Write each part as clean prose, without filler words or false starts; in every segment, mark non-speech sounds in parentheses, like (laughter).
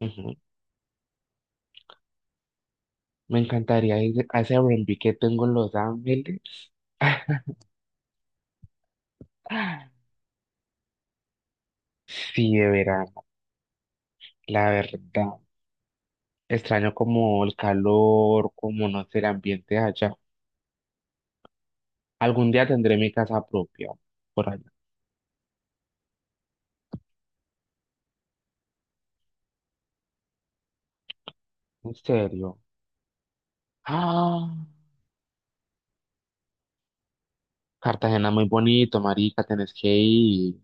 Ujú. Me encantaría ir a ese R&B que tengo en Los Ángeles. (laughs) Sí, de verano, la verdad. Extraño como el calor, como no sé, el ambiente de allá. Algún día tendré mi casa propia por allá. En serio. Ah, Cartagena muy bonito, marica, tenés que ir.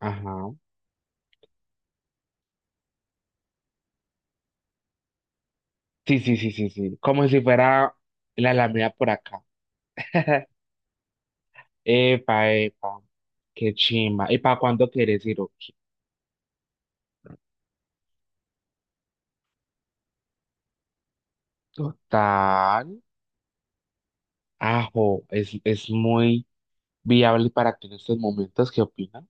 Ajá. Sí, sí, sí, sí, sí. Como si fuera la Alameda por acá. (laughs) Epa, epa. Qué chimba. ¿Y para cuándo quieres ir o qué? Total. Ajo, es muy viable para ti en estos momentos, ¿qué opinas?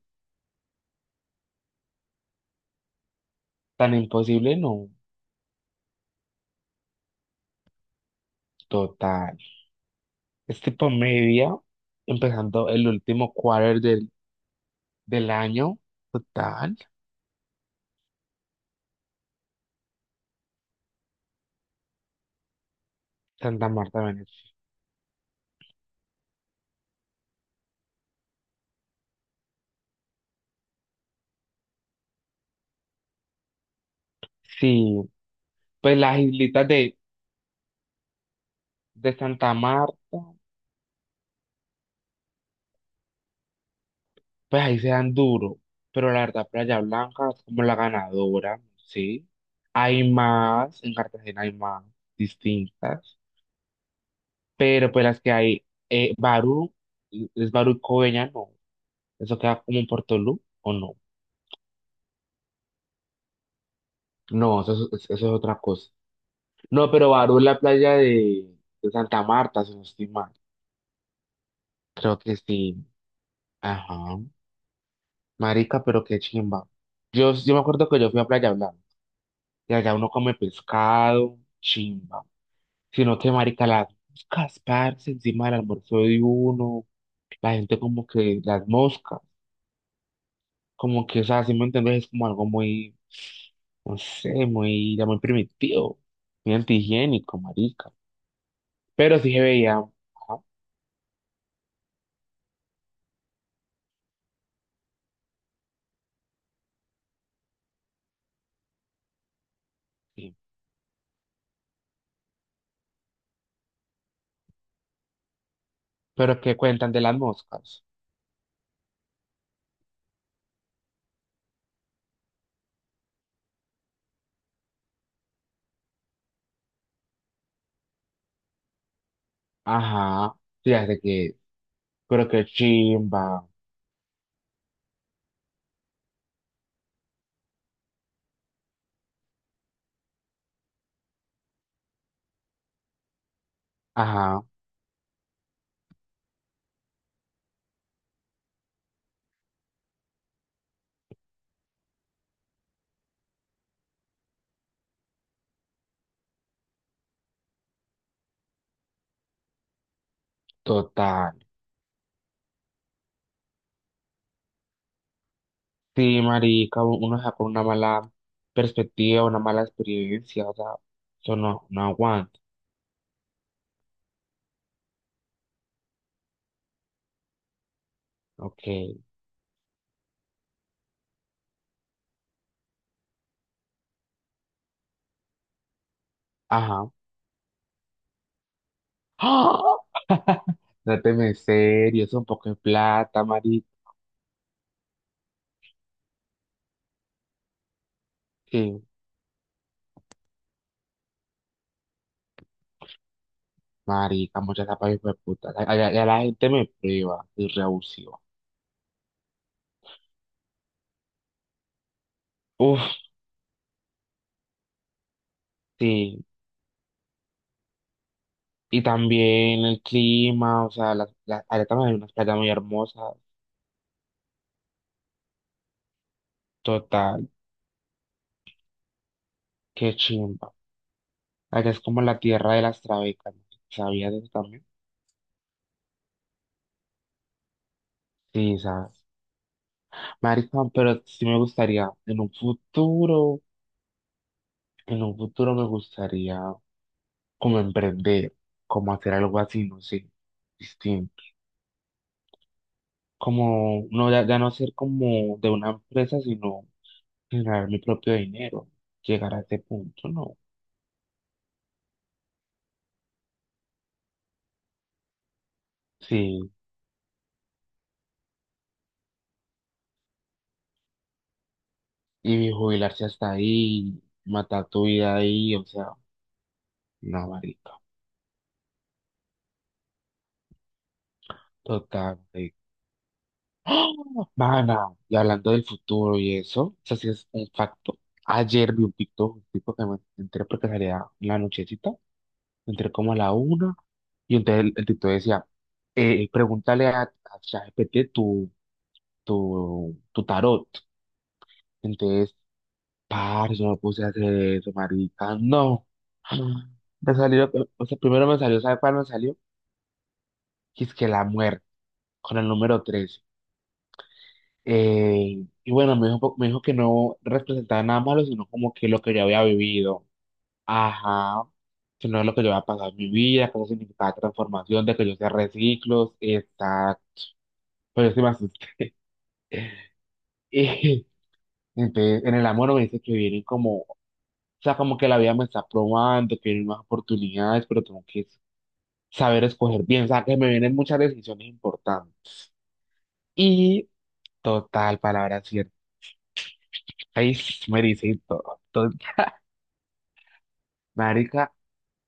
Tan imposible, no, total. Es tipo media, empezando el último quarter del, del año, total. Santa Marta, Venecia. Sí, pues las islitas de Santa Marta, pues ahí se dan duro, pero la verdad, Playa Blanca es como la ganadora, ¿sí? Hay más, en Cartagena hay más distintas. Pero pues las que hay, Barú, es Barú y Coveñas, no, eso queda como en Puerto Portolú, ¿o no? No, eso es otra cosa. No, pero Barú es la playa de Santa Marta, si no estoy mal. Creo que sí. Ajá. Marica, pero qué chimba. Yo me acuerdo que yo fui a Playa Blanca y allá uno come pescado, chimba. Sino que, marica, las moscas, parce, encima del almuerzo de uno, la gente como que las moscas. Como que, o sea, si me entendés, es como algo muy, no sé, muy, ya muy primitivo, muy antihigiénico, marica. Pero sí se veía, ajá, sí. Pero ¿qué cuentan de las moscas? Ajá, fíjate que, pero que chimba, ajá, total. Sí, marica, uno saca una mala perspectiva, una mala experiencia, o sea, eso no, no aguanta, ok, ajá. ¡Ah! (laughs) No te me serio, es un poco de plata, marica. Marica, muchas tapas hijo de puta. La gente me prueba y reabusiva. Uf, sí. Y también el clima, o sea, allá también hay unas playas muy hermosas. Total, qué chimba. Allá es como la tierra de las trabecas, ¿no? ¿Sabías de eso también? Sí, sabes. Marica, pero sí me gustaría, en un futuro me gustaría como emprender, como hacer algo así, no sé, distinto. Como, no, ya, ya no ser como de una empresa, sino generar mi propio dinero, llegar a ese punto, no. Sí, y jubilarse hasta ahí, matar tu vida ahí, o sea, no, marica, total, marica. Mana, y hablando del futuro y eso sí es un facto. Ayer vi un TikTok, un tipo que me entré porque salía en la nochecita, entré como a la una, y entonces el TikTok decía, pregúntale a ChatGPT tu, tu, tu tarot. Entonces parce, me puse a hacer eso, marica. No. Me salió, o sea, primero me salió, ¿sabe cuál me salió? Que es que la muerte, con el número 13. Y bueno, me dijo que no representaba nada malo, sino como que lo que yo había vivido. Ajá. Que no es lo que yo había pasado en mi vida, que eso significaba transformación, de que yo sea reciclos, está. Pero yo sí me asusté. (laughs) Y entonces, en el amor me dice que vienen como, o sea, como que la vida me está probando, que vienen más oportunidades, pero tengo que saber escoger bien, o sea, que me vienen muchas decisiones importantes. Y total, palabra cierta. Ahí sí (laughs) me dice y todo. Total. (laughs) Marica,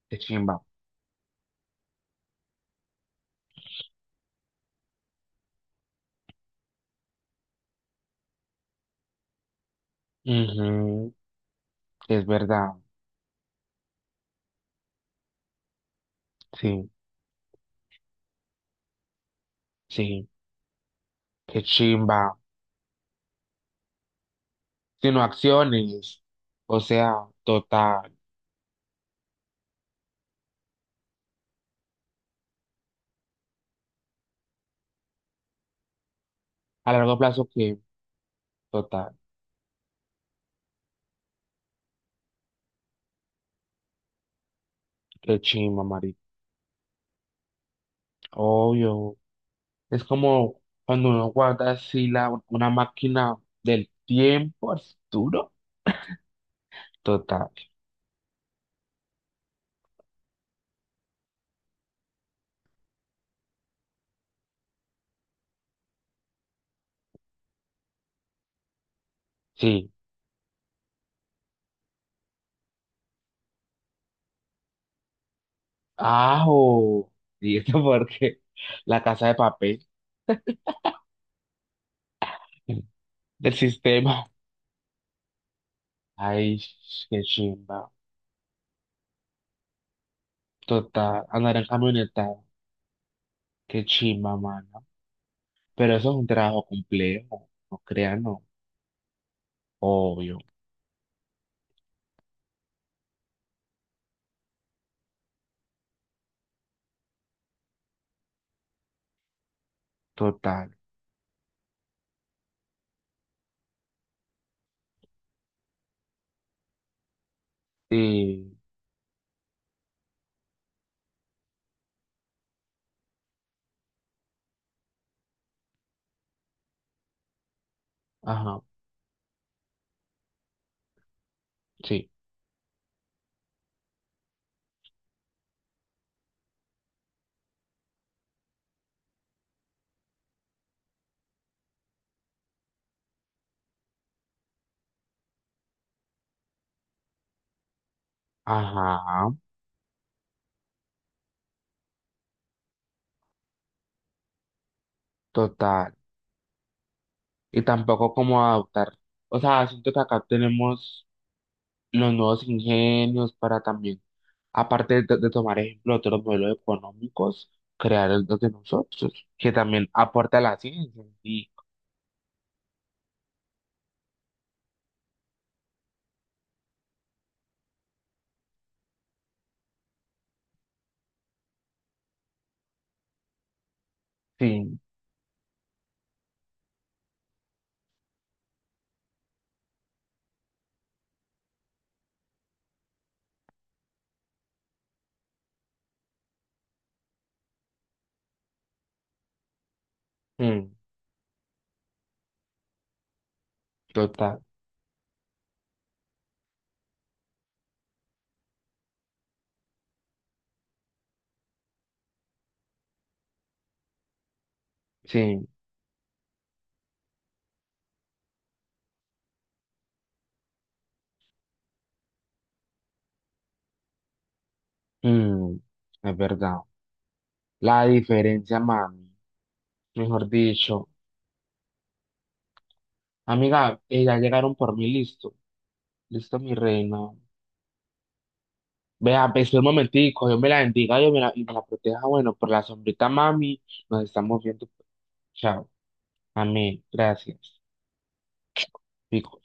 qué chimba. Ujú, es verdad. Sí, sí, qué chimba. Sino acciones. O sea, total. A largo plazo, que total, qué chimba, marica. Obvio. Es como cuando uno guarda así la, una máquina del tiempo al futuro. Total. Sí, ajo. Y esto (laughs) porque la casa de papel (laughs) del sistema. Ay, qué chimba. Total, andar en camioneta, qué chimba, mano. Pero eso es un trabajo complejo, no crean, no. Obvio, total. Y, ajá, sí, ajá, total. Y tampoco como adaptar. O sea, siento que acá tenemos los nuevos ingenios para también, aparte de tomar ejemplo de otros modelos económicos, crear el de nosotros, que también aporta a la ciencia. Y, sí, mm, total, sí, mm, es verdad. La diferencia, mami, mejor dicho. Amiga, ya llegaron por mí, listo, listo, mi reina. Vea, espera un momentico, Dios me la bendiga, Dios me la, y me la proteja. Bueno, por la sombrita, mami, nos estamos viendo. Chao, amén, gracias. Pico.